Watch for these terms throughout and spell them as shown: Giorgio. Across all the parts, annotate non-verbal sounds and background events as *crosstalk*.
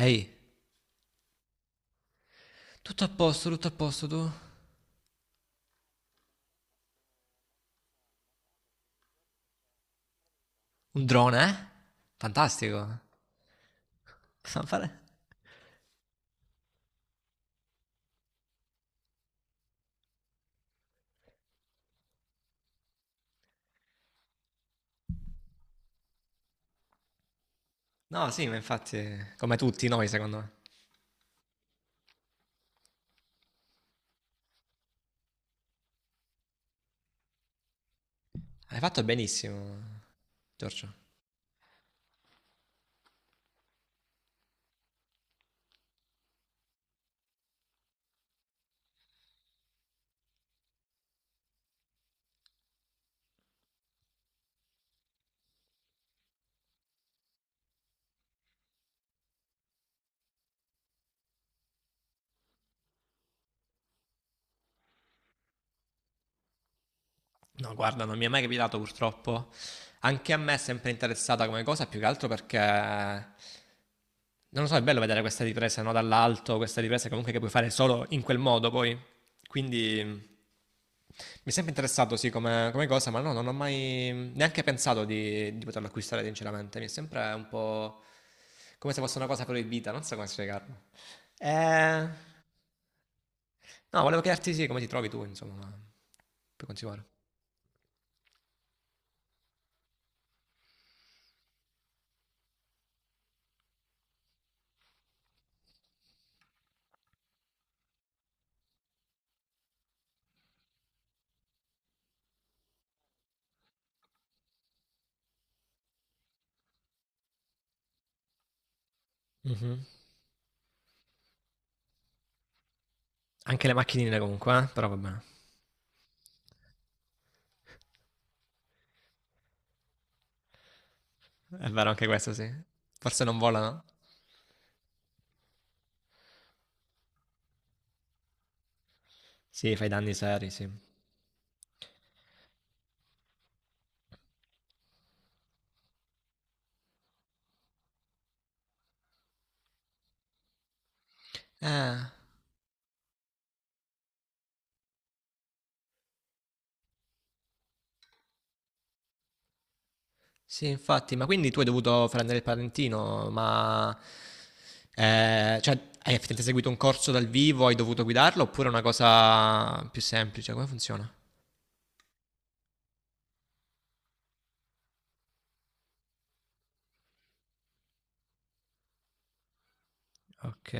Ehi, tutto a posto tu? Un drone, eh? Fantastico. *laughs* Fa fare? No, sì, ma infatti, come tutti noi, secondo me. Hai fatto benissimo, Giorgio. No, guarda, non mi è mai capitato purtroppo. Anche a me è sempre interessata come cosa, più che altro perché, non lo so, è bello vedere questa ripresa, no? Dall'alto, questa ripresa comunque che puoi fare solo in quel modo poi. Quindi mi è sempre interessato, sì, come, come cosa, ma no, non ho mai neanche pensato di poterlo acquistare, sinceramente. Mi è sempre un po' come se fosse una cosa proibita, non so come spiegarlo. Eh, no, volevo chiederti, sì, come ti trovi tu, insomma, ma puoi continuare. Mhm. Anche le macchinine comunque, eh? Però va bene. È vero anche questo, sì. Forse non volano? Sì, fai danni seri, sì. Ah, sì, infatti, ma quindi tu hai dovuto prendere il patentino, ma... cioè, hai effettivamente seguito un corso dal vivo, hai dovuto guidarlo, oppure è una cosa più semplice? Come funziona? Ok,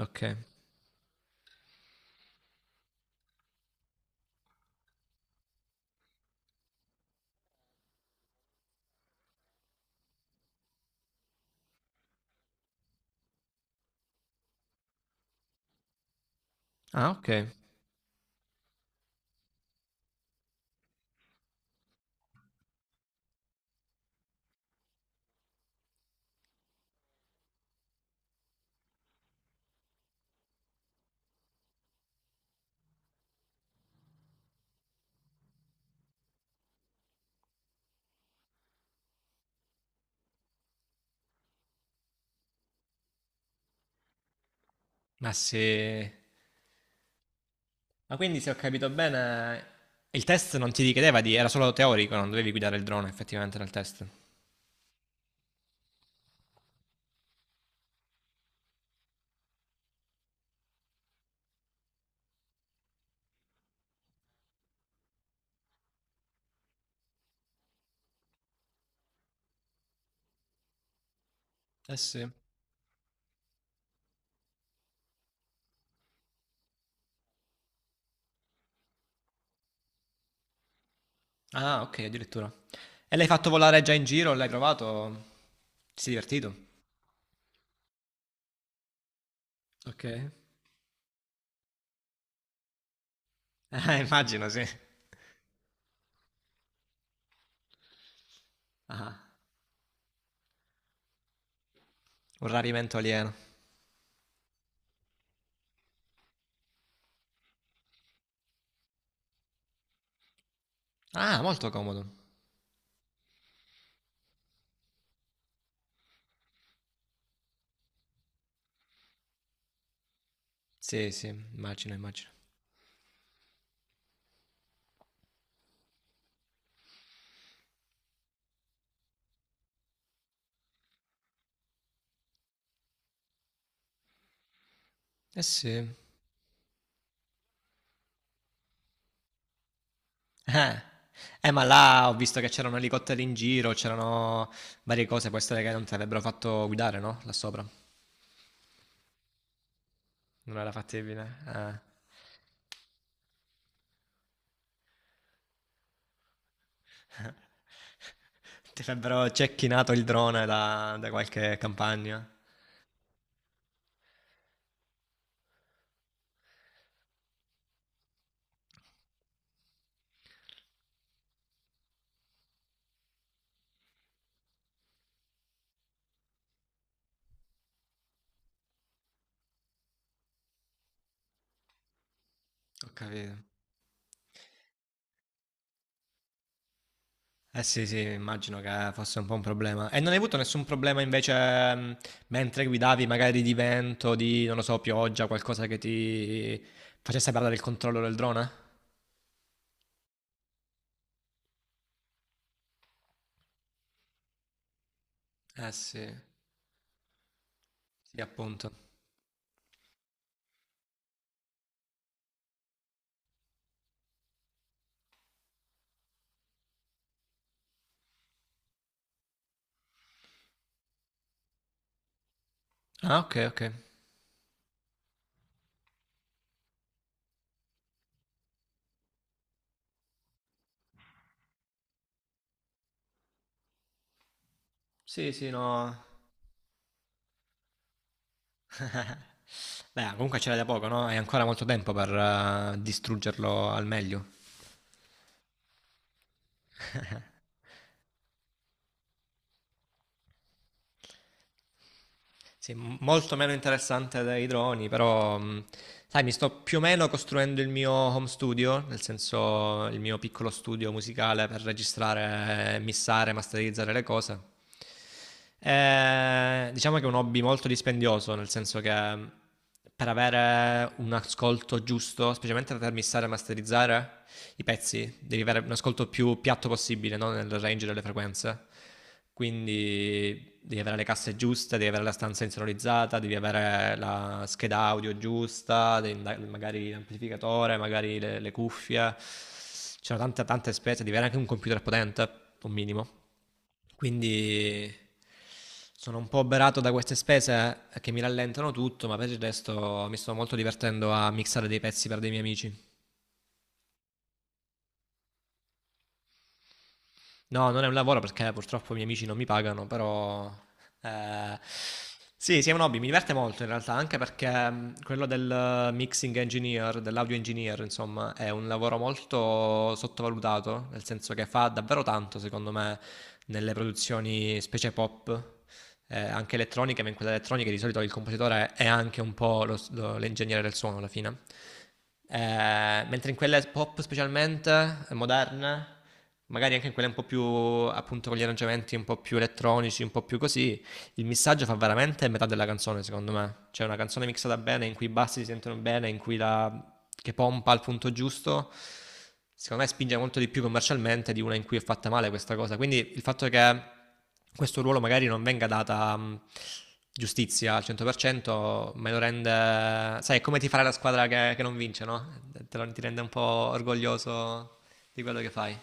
ok. Ah, ok. Ma sì. Ma quindi se ho capito bene, il test non ti richiedeva di, era solo teorico, non dovevi guidare il drone effettivamente nel test. Eh sì. Ah, ok, addirittura. E l'hai fatto volare già in giro? L'hai provato? Ti sei divertito? Ok. *laughs* Immagino, sì. Ah, un rarimento alieno. Ah, molto comodo. Sì, sì, immagino, immagino. Eh sì. Eh, ma là ho visto che c'erano elicotteri in giro, c'erano varie cose, può essere che non ti avrebbero fatto guidare, no? Là sopra. Non era fattibile? Ah. *laughs* Ti avrebbero cecchinato il drone da, da qualche campagna? Ho capito. Eh sì, sì, immagino che fosse un po' un problema. E non hai avuto nessun problema invece mentre guidavi, magari di vento, di, non lo so, pioggia, qualcosa che ti facesse perdere il controllo del drone? Eh sì, sì, appunto. Ah, ok, ok. Sì, sì, no. Beh, comunque c'era da poco, no? Hai ancora molto tempo per distruggerlo al meglio. Sì, molto meno interessante dei droni, però sai, mi sto più o meno costruendo il mio home studio, nel senso il mio piccolo studio musicale per registrare, missare, masterizzare le cose. Diciamo che è un hobby molto dispendioso, nel senso che per avere un ascolto giusto, specialmente per missare e masterizzare i pezzi, devi avere un ascolto più piatto possibile, no? Nel range delle frequenze. Quindi devi avere le casse giuste, devi avere la stanza insonorizzata, devi avere la scheda audio giusta, devi magari l'amplificatore, magari le cuffie. C'erano tante, tante spese, devi avere anche un computer potente, un minimo. Quindi sono un po' oberato da queste spese che mi rallentano tutto, ma per il resto mi sto molto divertendo a mixare dei pezzi per dei miei amici. No, non è un lavoro perché purtroppo i miei amici non mi pagano, però... eh, sì, sì, è un hobby, mi diverte molto in realtà, anche perché quello del mixing engineer, dell'audio engineer, insomma, è un lavoro molto sottovalutato, nel senso che fa davvero tanto, secondo me, nelle produzioni specie pop anche elettronica, ma in quella elettronica di solito il compositore è anche un po' l'ingegnere del suono alla fine. Mentre in quelle pop specialmente, moderne, magari anche in quelle un po' più appunto con gli arrangiamenti un po' più elettronici, un po' più così, il missaggio fa veramente metà della canzone secondo me. C'è una canzone mixata bene in cui i bassi si sentono bene, in cui la che pompa al punto giusto, secondo me spinge molto di più commercialmente di una in cui è fatta male questa cosa. Quindi il fatto che questo ruolo magari non venga data giustizia al 100% me lo rende... Sai, è come ti farà la squadra che non vince, no? Te lo, ti rende un po' orgoglioso di quello che fai.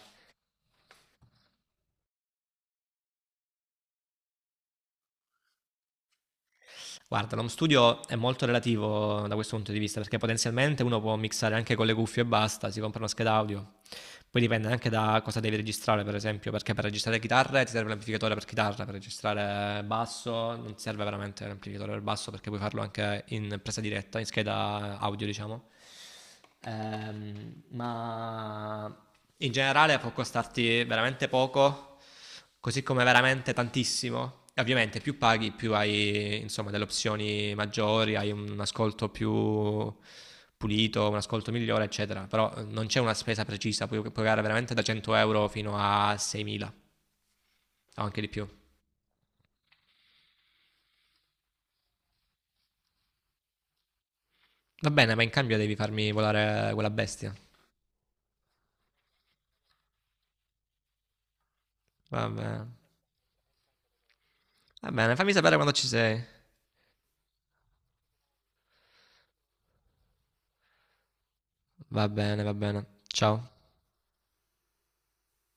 Guarda, l'home studio è molto relativo da questo punto di vista, perché potenzialmente uno può mixare anche con le cuffie e basta, si compra una scheda audio. Poi dipende anche da cosa devi registrare, per esempio, perché per registrare chitarre ti serve l'amplificatore per chitarra, per registrare basso non ti serve veramente l'amplificatore per basso perché puoi farlo anche in presa diretta, in scheda audio, diciamo. Ma in generale può costarti veramente poco, così come veramente tantissimo. E ovviamente più paghi, più hai insomma delle opzioni maggiori, hai un ascolto più pulito, un ascolto migliore, eccetera. Però non c'è una spesa precisa, puoi pagare veramente da 100 euro fino a 6.000 o anche di più. Va bene, ma in cambio devi farmi volare quella bestia. Va bene. Va bene, fammi sapere quando ci sei. Va bene, va bene. Ciao.